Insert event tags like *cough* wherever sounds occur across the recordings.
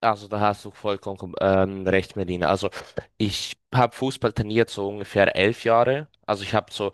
Also da hast du vollkommen recht, Melina. Also ich habe Fußball trainiert so ungefähr 11 Jahre. Also ich habe so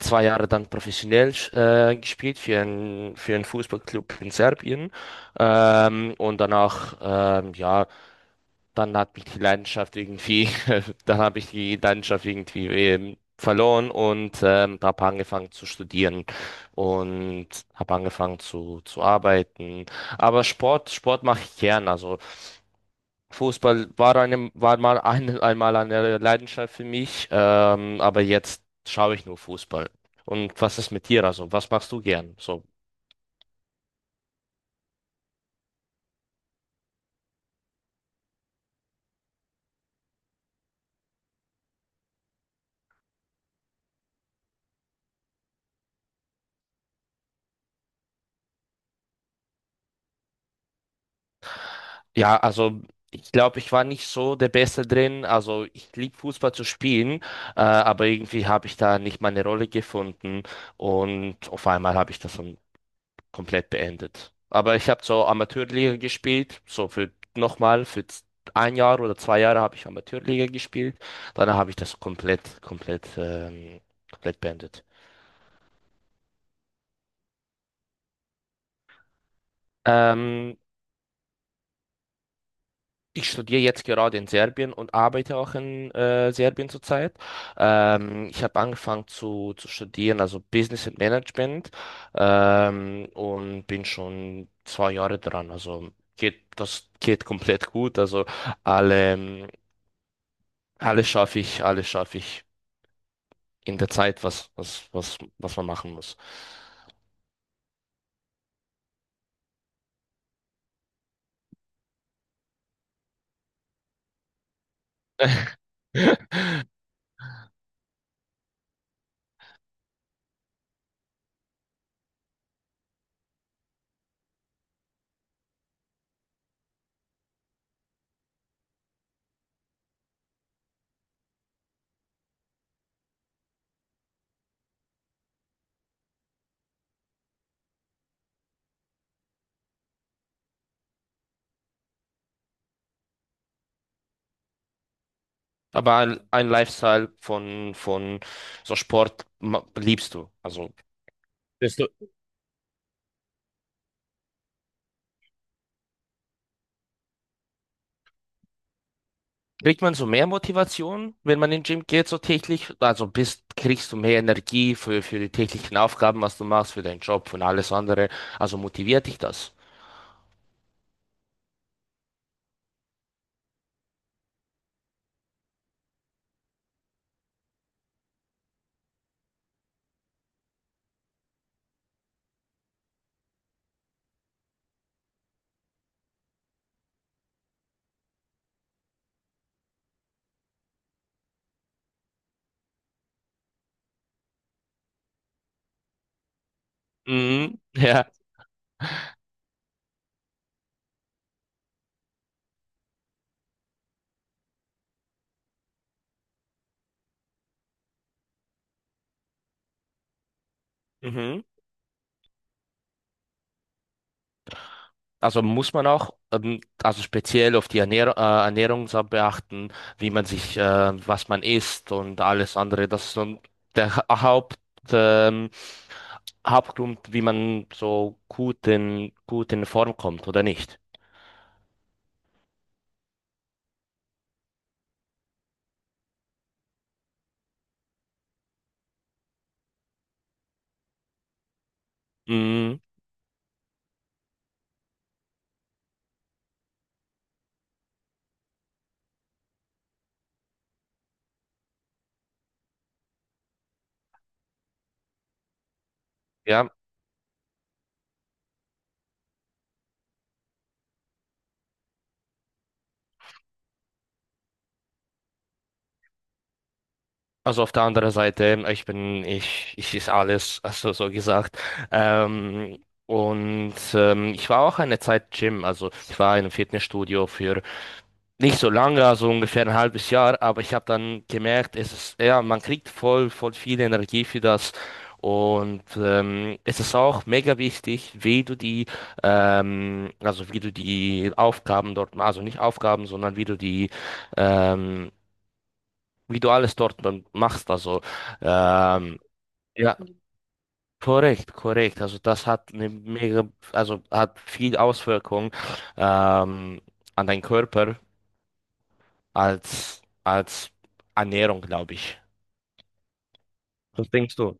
2 Jahre dann professionell gespielt für einen Fußballclub in Serbien. Und danach, ja, dann hat mich die Leidenschaft irgendwie, *laughs* dann habe ich die Leidenschaft irgendwie verloren und habe angefangen zu studieren und habe angefangen zu arbeiten. Aber Sport mache ich gern. Also Fußball war einmal eine Leidenschaft für mich, aber jetzt schaue ich nur Fußball. Und was ist mit dir? Also, was machst du gern? So, ja, also ich glaube, ich war nicht so der Beste drin. Also ich liebe Fußball zu spielen, aber irgendwie habe ich da nicht meine Rolle gefunden und auf einmal habe ich das dann komplett beendet. Aber ich habe so Amateurliga gespielt, so für nochmal für z- 1 Jahr oder 2 Jahre habe ich Amateurliga gespielt. Danach habe ich das komplett beendet. Ähm, Ich studiere jetzt gerade in Serbien und arbeite auch in Serbien zurzeit. Ich habe angefangen zu studieren, also Business and Management, und bin schon 2 Jahre dran. Also das geht komplett gut. Also alle ähm, alles schaffe ich, alles schaffe ich in der Zeit, was man machen muss. Aber ein Lifestyle von so liebst du. Also Bist kriegt man so mehr Motivation, wenn man in den Gym geht, so täglich? Also kriegst du mehr Energie für die täglichen Aufgaben, was du machst, für deinen Job und alles andere. Also motiviert dich das? Mhm, ja. Mhm. Also muss man auch, also speziell auf die Ernährung, Ernährungsart beachten, wie man sich, was man isst und alles andere. Das ist so der ähm, Hauptgrund, wie man so gut gut in Form kommt oder nicht. Mhm, ja, also auf der anderen Seite, ich ist alles, *laughs* also so gesagt. Ich war auch eine Zeit Gym, also ich war in einem Fitnessstudio für nicht so lange, also ungefähr 1 halbes Jahr, aber ich habe dann gemerkt, es ist, ja, man kriegt voll viel Energie für das. Und es ist auch mega wichtig, wie du also wie du die Aufgaben dort, also nicht Aufgaben, sondern wie du ähm, wie du alles dort dann machst. Also ähm, ja, korrekt. Also das hat eine also hat viel Auswirkung ähm, an deinen Körper als Ernährung, glaube ich. Was denkst du?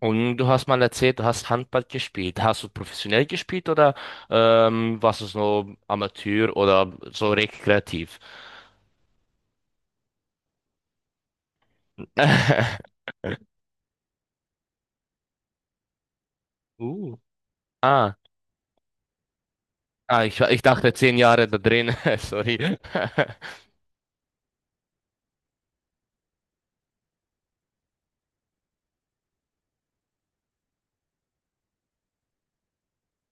Und du hast mal erzählt, du hast Handball gespielt. Hast du professionell gespielt oder warst du so Amateur oder so rekreativ? *laughs* Uh. Ah, ich dachte 10 Jahre da drin. *laughs* Sorry. *laughs*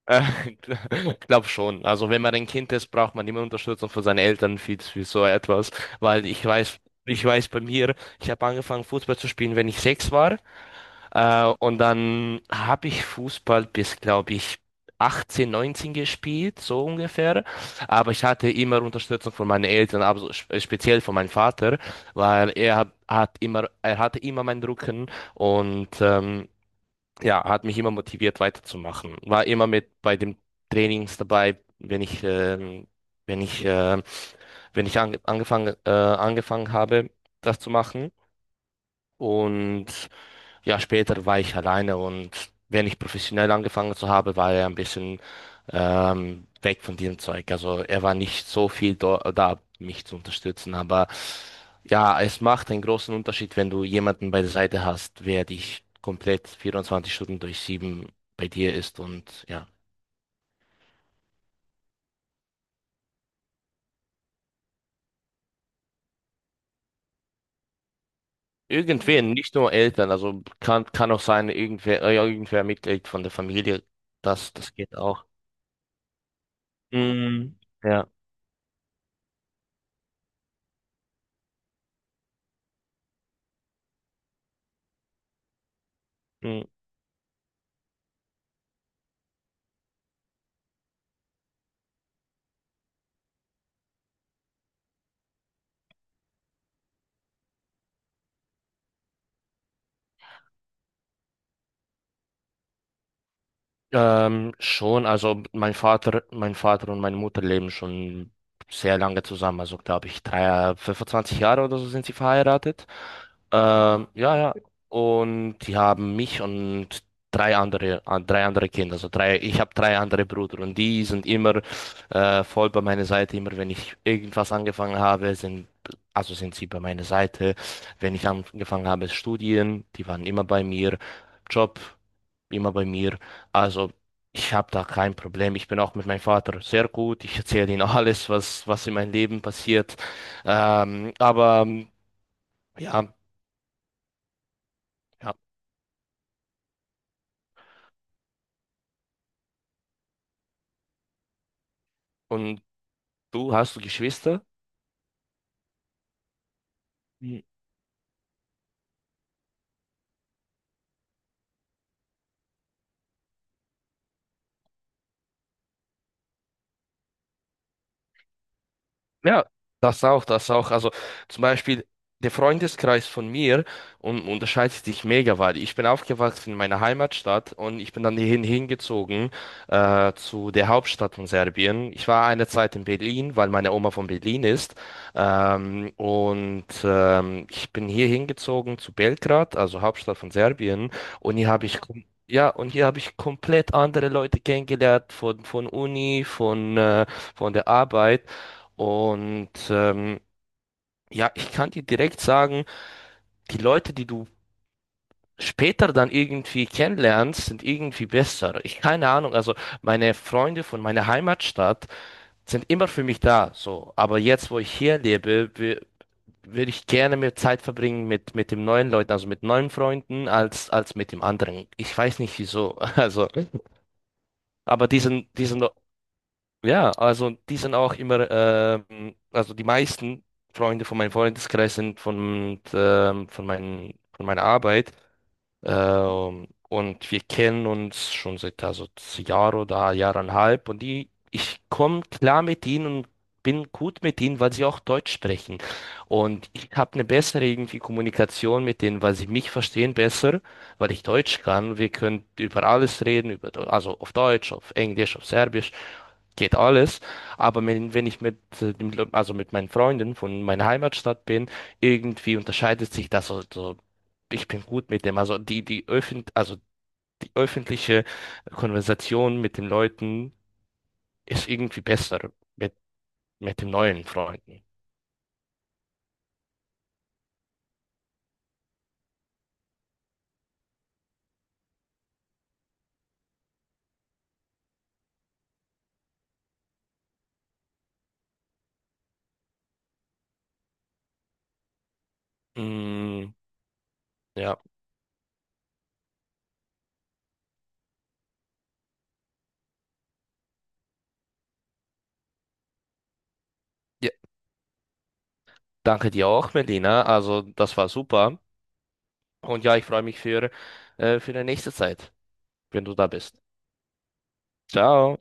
Äh, Glaub schon. Also wenn man ein Kind ist, braucht man immer Unterstützung von seinen Eltern für so etwas. Weil ich weiß bei mir, ich habe angefangen Fußball zu spielen, wenn ich 6 war. Und dann habe ich Fußball bis, glaube ich, 18, 19 gespielt, so ungefähr. Aber ich hatte immer Unterstützung von meinen Eltern, aber so speziell von meinem Vater, weil er hatte immer meinen Rücken und ja, hat mich immer motiviert weiterzumachen. War immer mit bei den Trainings dabei, wenn ich, wenn ich, wenn ich ange angefangen, angefangen habe, das zu machen. Und ja, später war ich alleine und wenn ich professionell angefangen zu habe, war er ein bisschen weg von diesem Zeug. Also er war nicht so viel da, mich zu unterstützen. Aber ja, es macht einen großen Unterschied, wenn du jemanden bei der Seite hast, wer dich komplett 24 Stunden durch 7 bei dir ist und ja. Irgendwen, nicht nur Eltern, also kann auch sein, irgendwer, irgendwer Mitglied von der Familie, das geht auch. Mm, ja. Schon, also mein Vater und meine Mutter leben schon sehr lange zusammen, also glaube ich, 25 Jahre oder so sind sie verheiratet. Ja, ja. Und die haben mich und drei andere Kinder, also drei, ich habe drei andere Brüder und die sind immer voll bei meiner Seite, immer wenn ich irgendwas angefangen habe, sind Also sind sie bei meiner Seite. Wenn ich angefangen habe, Studien, die waren immer bei mir. Job immer bei mir. Also ich habe da kein Problem. Ich bin auch mit meinem Vater sehr gut. Ich erzähle ihm alles, was in meinem Leben passiert. Ähm, aber ähm, ja, ja. Und du, hast du Geschwister? Ja, das auch, das auch. Also zum Beispiel der Freundeskreis von mir unterscheidet sich mega, weil ich bin aufgewachsen in meiner Heimatstadt und ich bin dann hierhin hingezogen zu der Hauptstadt von Serbien. Ich war eine Zeit in Berlin, weil meine Oma von Berlin ist. Ich bin hier hingezogen zu Belgrad, also Hauptstadt von Serbien. Und hier habe ich kom- ja, und hier habe ich komplett andere Leute kennengelernt von Uni, von der Arbeit. Und ja, ich kann dir direkt sagen, die Leute, die du später dann irgendwie kennenlernst, sind irgendwie besser. Ich keine Ahnung, also meine Freunde von meiner Heimatstadt sind immer für mich da, so. Aber jetzt, wo ich hier lebe, würde ich gerne mehr Zeit verbringen mit den neuen Leuten, also mit neuen Freunden, als mit dem anderen. Ich weiß nicht wieso. *laughs* Also, aber diesen Ja, also die sind auch immer, also die meisten Freunde von meinem Freundeskreis sind von meiner Arbeit. Und wir kennen uns schon seit also Jahr oder Jahreinhalb. Und die, ich komme klar mit ihnen und bin gut mit ihnen, weil sie auch Deutsch sprechen. Und ich habe eine bessere irgendwie Kommunikation mit denen, weil sie mich verstehen besser, weil ich Deutsch kann. Wir können über alles reden, über, also auf Deutsch, auf Englisch, auf Serbisch geht alles. Aber wenn ich mit, also mit meinen Freunden von meiner Heimatstadt bin, irgendwie unterscheidet sich das. Also, ich bin gut mit dem. Also die also die öffentliche Konversation mit den Leuten ist irgendwie besser mit, mit den neuen Freunden. Mm, ja. Ja, danke dir auch, Melina. Also das war super. Und ja, ich freue mich für die nächste Zeit, wenn du da bist. Ciao.